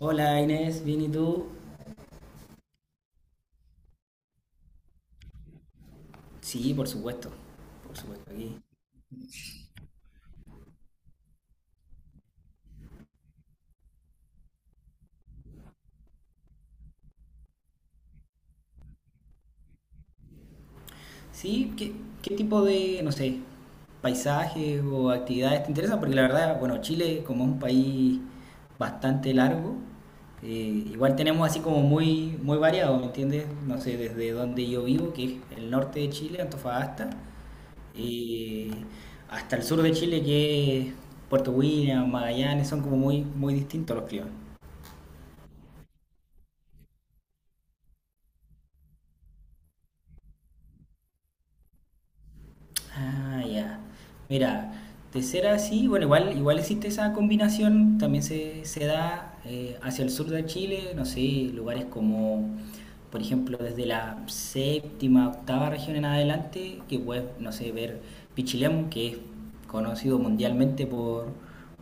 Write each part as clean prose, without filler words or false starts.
Hola Inés, ¿bien y tú? Sí, por supuesto aquí. Sí, ¿qué tipo de, no sé, paisajes o actividades te interesan? Porque la verdad, bueno, Chile como es un país bastante largo, eh, igual tenemos así como muy, muy variado, ¿me entiendes? No sé, desde donde yo vivo, que es el norte de Chile, Antofagasta, eh, hasta el sur de Chile, que es Puerto William, Magallanes, son como muy, muy distintos los climas. Ah, ya. Mira, de ser así, bueno, igual existe esa combinación, también se da hacia el sur de Chile, no sé, lugares como, por ejemplo, desde la séptima, octava región en adelante, que puedes, no sé, ver Pichilemu, que es conocido mundialmente por,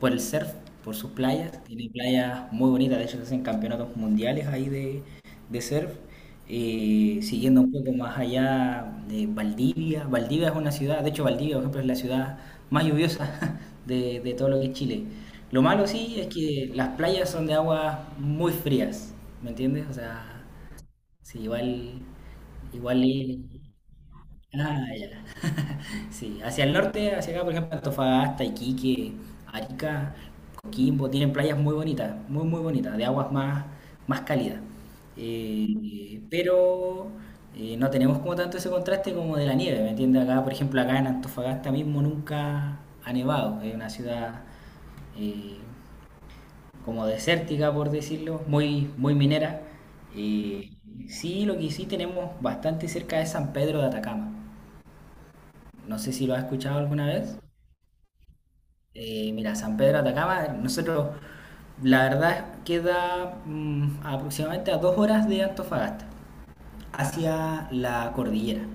por el surf, por sus playas, tiene playas muy bonitas. De hecho, se hacen campeonatos mundiales ahí de surf, siguiendo un poco más allá de Valdivia. Valdivia es una ciudad, de hecho Valdivia, por ejemplo, es la ciudad más lluviosa de todo lo que es Chile. Lo malo sí es que las playas son de aguas muy frías, ¿me entiendes? O sea, sí, igual. Ah, ya. Sí, hacia el norte, hacia acá, por ejemplo, Antofagasta, Iquique, Arica, Coquimbo, tienen playas muy bonitas, muy, muy bonitas, de aguas más cálidas. Pero no tenemos como tanto ese contraste como de la nieve, ¿me entiendes? Acá, por ejemplo, acá en Antofagasta mismo nunca ha nevado, es una ciudad, eh, como desértica, por decirlo, muy, muy minera. Eh, sí, lo que sí tenemos bastante cerca es San Pedro de Atacama. No sé si lo has escuchado alguna vez. Mira, San Pedro de Atacama, nosotros, la verdad, queda aproximadamente a 2 horas de Antofagasta, hacia la cordillera,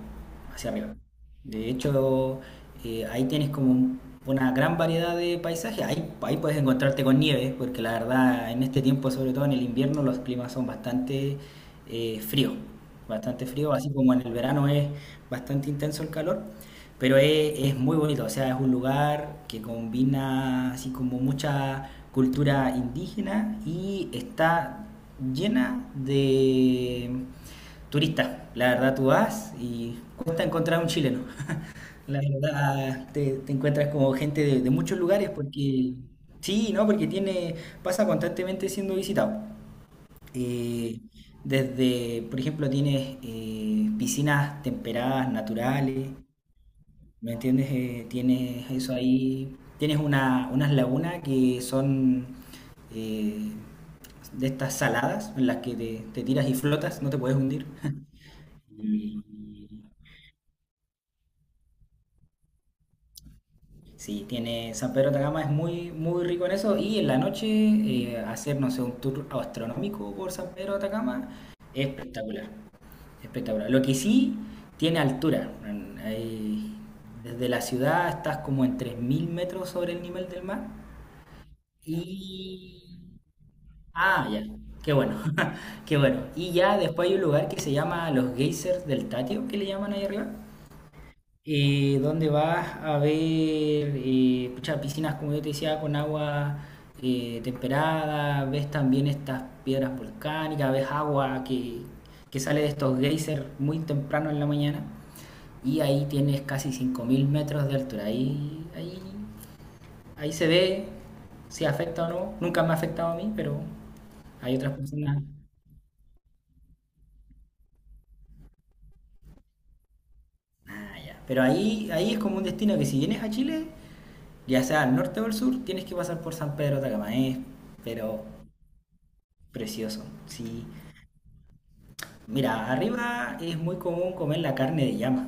hacia arriba. De hecho, ahí tienes como una gran variedad de paisajes. Ahí puedes encontrarte con nieve, porque la verdad, en este tiempo, sobre todo en el invierno, los climas son bastante fríos. Bastante frío, así como en el verano es bastante intenso el calor. Pero es muy bonito. O sea, es un lugar que combina así como mucha cultura indígena y está llena de turista. La verdad, tú vas y cuesta encontrar un chileno. La verdad, te encuentras como gente de, muchos lugares porque, sí, ¿no? Porque tiene, pasa constantemente siendo visitado. Eh, Desde, por ejemplo, tienes piscinas temperadas, naturales, ¿me entiendes? Tienes eso ahí, tienes unas lagunas que son eh, de estas saladas en las que te tiras y flotas, no te puedes hundir. Y Sí, tiene. San Pedro de Atacama es muy, muy rico en eso, y en la noche hacer, no sé, un tour astronómico por San Pedro de Atacama es espectacular, espectacular. Lo que sí tiene altura. Ahí, desde la ciudad estás como en 3000 metros sobre el nivel del mar y... Ah, ya, qué bueno, qué bueno. Y ya después hay un lugar que se llama los geysers del Tatio, que le llaman ahí arriba, donde vas a ver, pucha, piscinas, como yo te decía, con agua temperada, ves también estas piedras volcánicas, ves agua que sale de estos geysers muy temprano en la mañana, y ahí tienes casi 5000 metros de altura. Ahí se ve si afecta o no. Nunca me ha afectado a mí, pero hay otras personas. Ah, ya. Pero ahí es como un destino que, si vienes a Chile, ya sea al norte o al sur, tienes que pasar por San Pedro de Atacamaes, pero precioso. Sí, mira, arriba es muy común comer la carne de llama.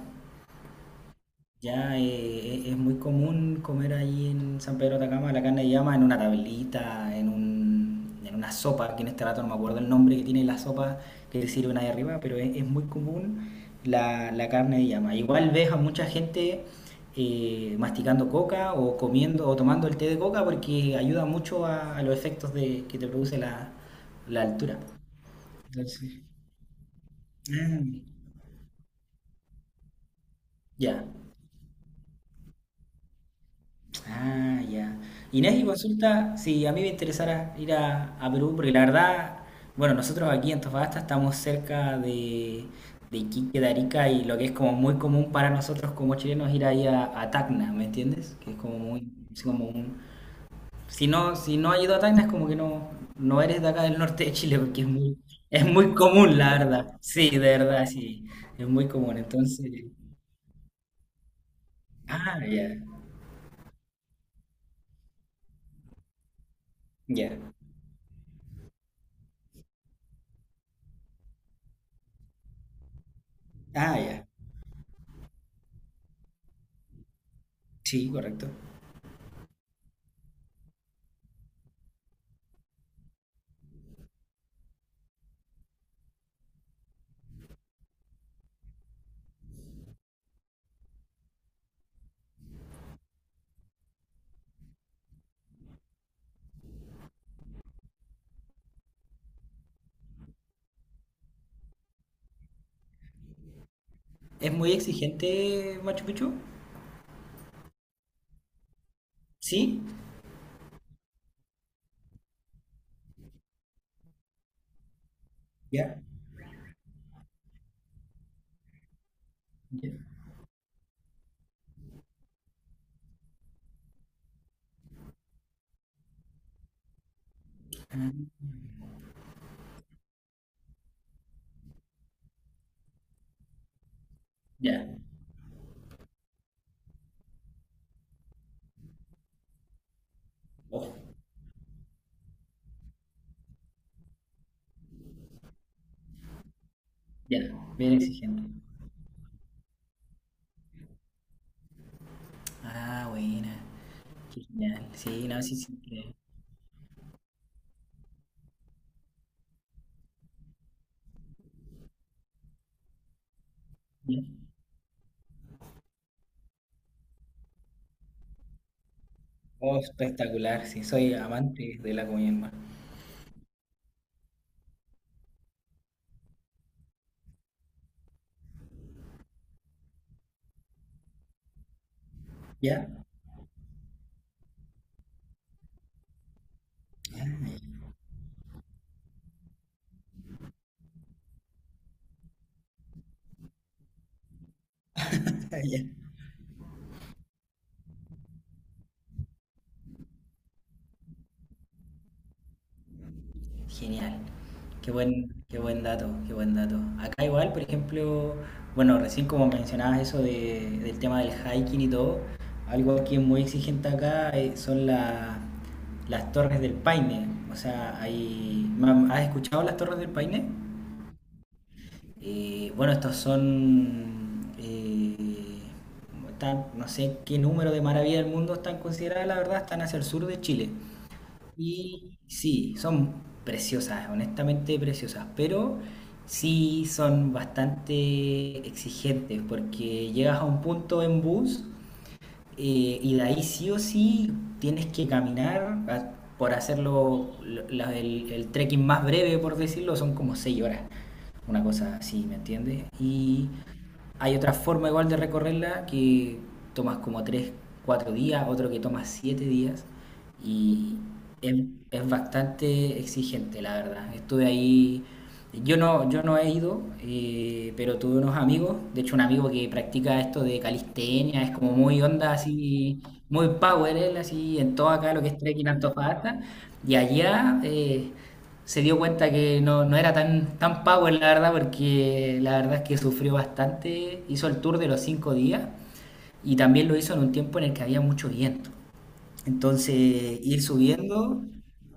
Ya, es muy común comer ahí en San Pedro de Atacama la carne de llama en una tablita, en una sopa, que en este rato no me acuerdo el nombre que tiene la sopa que te sirven ahí arriba, pero es muy común la carne de llama. Igual ves a mucha gente masticando coca o comiendo o tomando el té de coca porque ayuda mucho a los efectos de, que te produce la altura. Entonces, ah, ya. Ah, ya. Inés, y consulta si a mí me interesara ir a Perú, porque la verdad, bueno, nosotros aquí en Antofagasta estamos cerca de Iquique, de Arica, y lo que es como muy común para nosotros como chilenos ir ahí a Tacna, ¿me entiendes? Que es como muy, es como un. Si no, si no has ido a Tacna, es como que no, no eres de acá del norte de Chile, porque es muy común, la verdad. Sí, de verdad, sí, es muy común. Entonces, ah, ya, ya. Ah, ya. Sí, correcto. ¿Es muy exigente Machu Picchu? ¿Sí? Ya, ya. Ah, ya. Oh, ya. Bien exigente. Ah, buena. Qué genial. Sí, no, sí, sí. Ya. Oh, espectacular, sí, soy amante de la comida en mar. Ya. Ya. Genial. Qué buen dato, qué buen dato. Acá igual, por ejemplo, bueno, recién como mencionabas eso del tema del hiking y todo, algo que es muy exigente acá, son las torres del Paine. O sea, hay, ¿has escuchado las torres del Paine? Bueno, estos son, no sé qué número de maravillas del mundo están consideradas, la verdad, están hacia el sur de Chile. Y sí, son preciosas, honestamente preciosas, pero sí son bastante exigentes porque llegas a un punto en bus, y de ahí sí o sí tienes que caminar, a- por hacerlo, el trekking más breve, por decirlo, son como 6 horas, una cosa así, ¿me entiendes? Hay otra forma igual de recorrerla, que tomas como 3, 4 días, otro que toma 7 días, y es, es bastante exigente, la verdad. Estuve ahí, yo no, yo no he ido, pero tuve unos amigos, de hecho un amigo que practica esto de calistenia, es como muy onda así, muy power él, así en todo acá lo que es trekking Antofagasta, y allá, se dio cuenta que no, no era tan, tan power, la verdad, porque la verdad es que sufrió bastante. Hizo el tour de los 5 días y también lo hizo en un tiempo en el que había mucho viento. Entonces, ir subiendo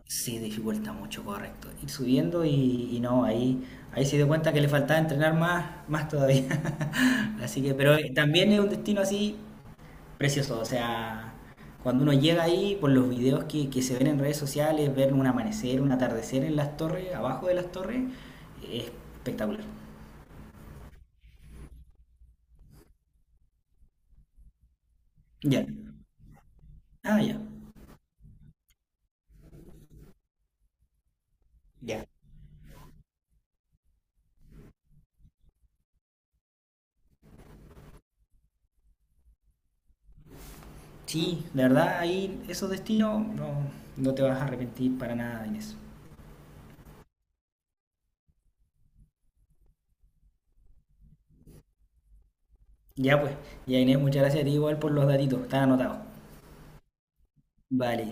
se dificulta mucho, correcto. Ir subiendo y no, ahí se dio cuenta que le faltaba entrenar más, más todavía. Así que, pero también es un destino así precioso. O sea, cuando uno llega ahí, por los videos que, se ven en redes sociales, ver un amanecer, un atardecer en las torres, abajo de las torres, es espectacular. Ya. Ah, ya. Ya. Sí, de verdad, ahí esos destinos no, no te vas a arrepentir para nada, Inés. Ya, pues, ya, Inés, muchas gracias a ti igual por los datitos, están anotados. Vale.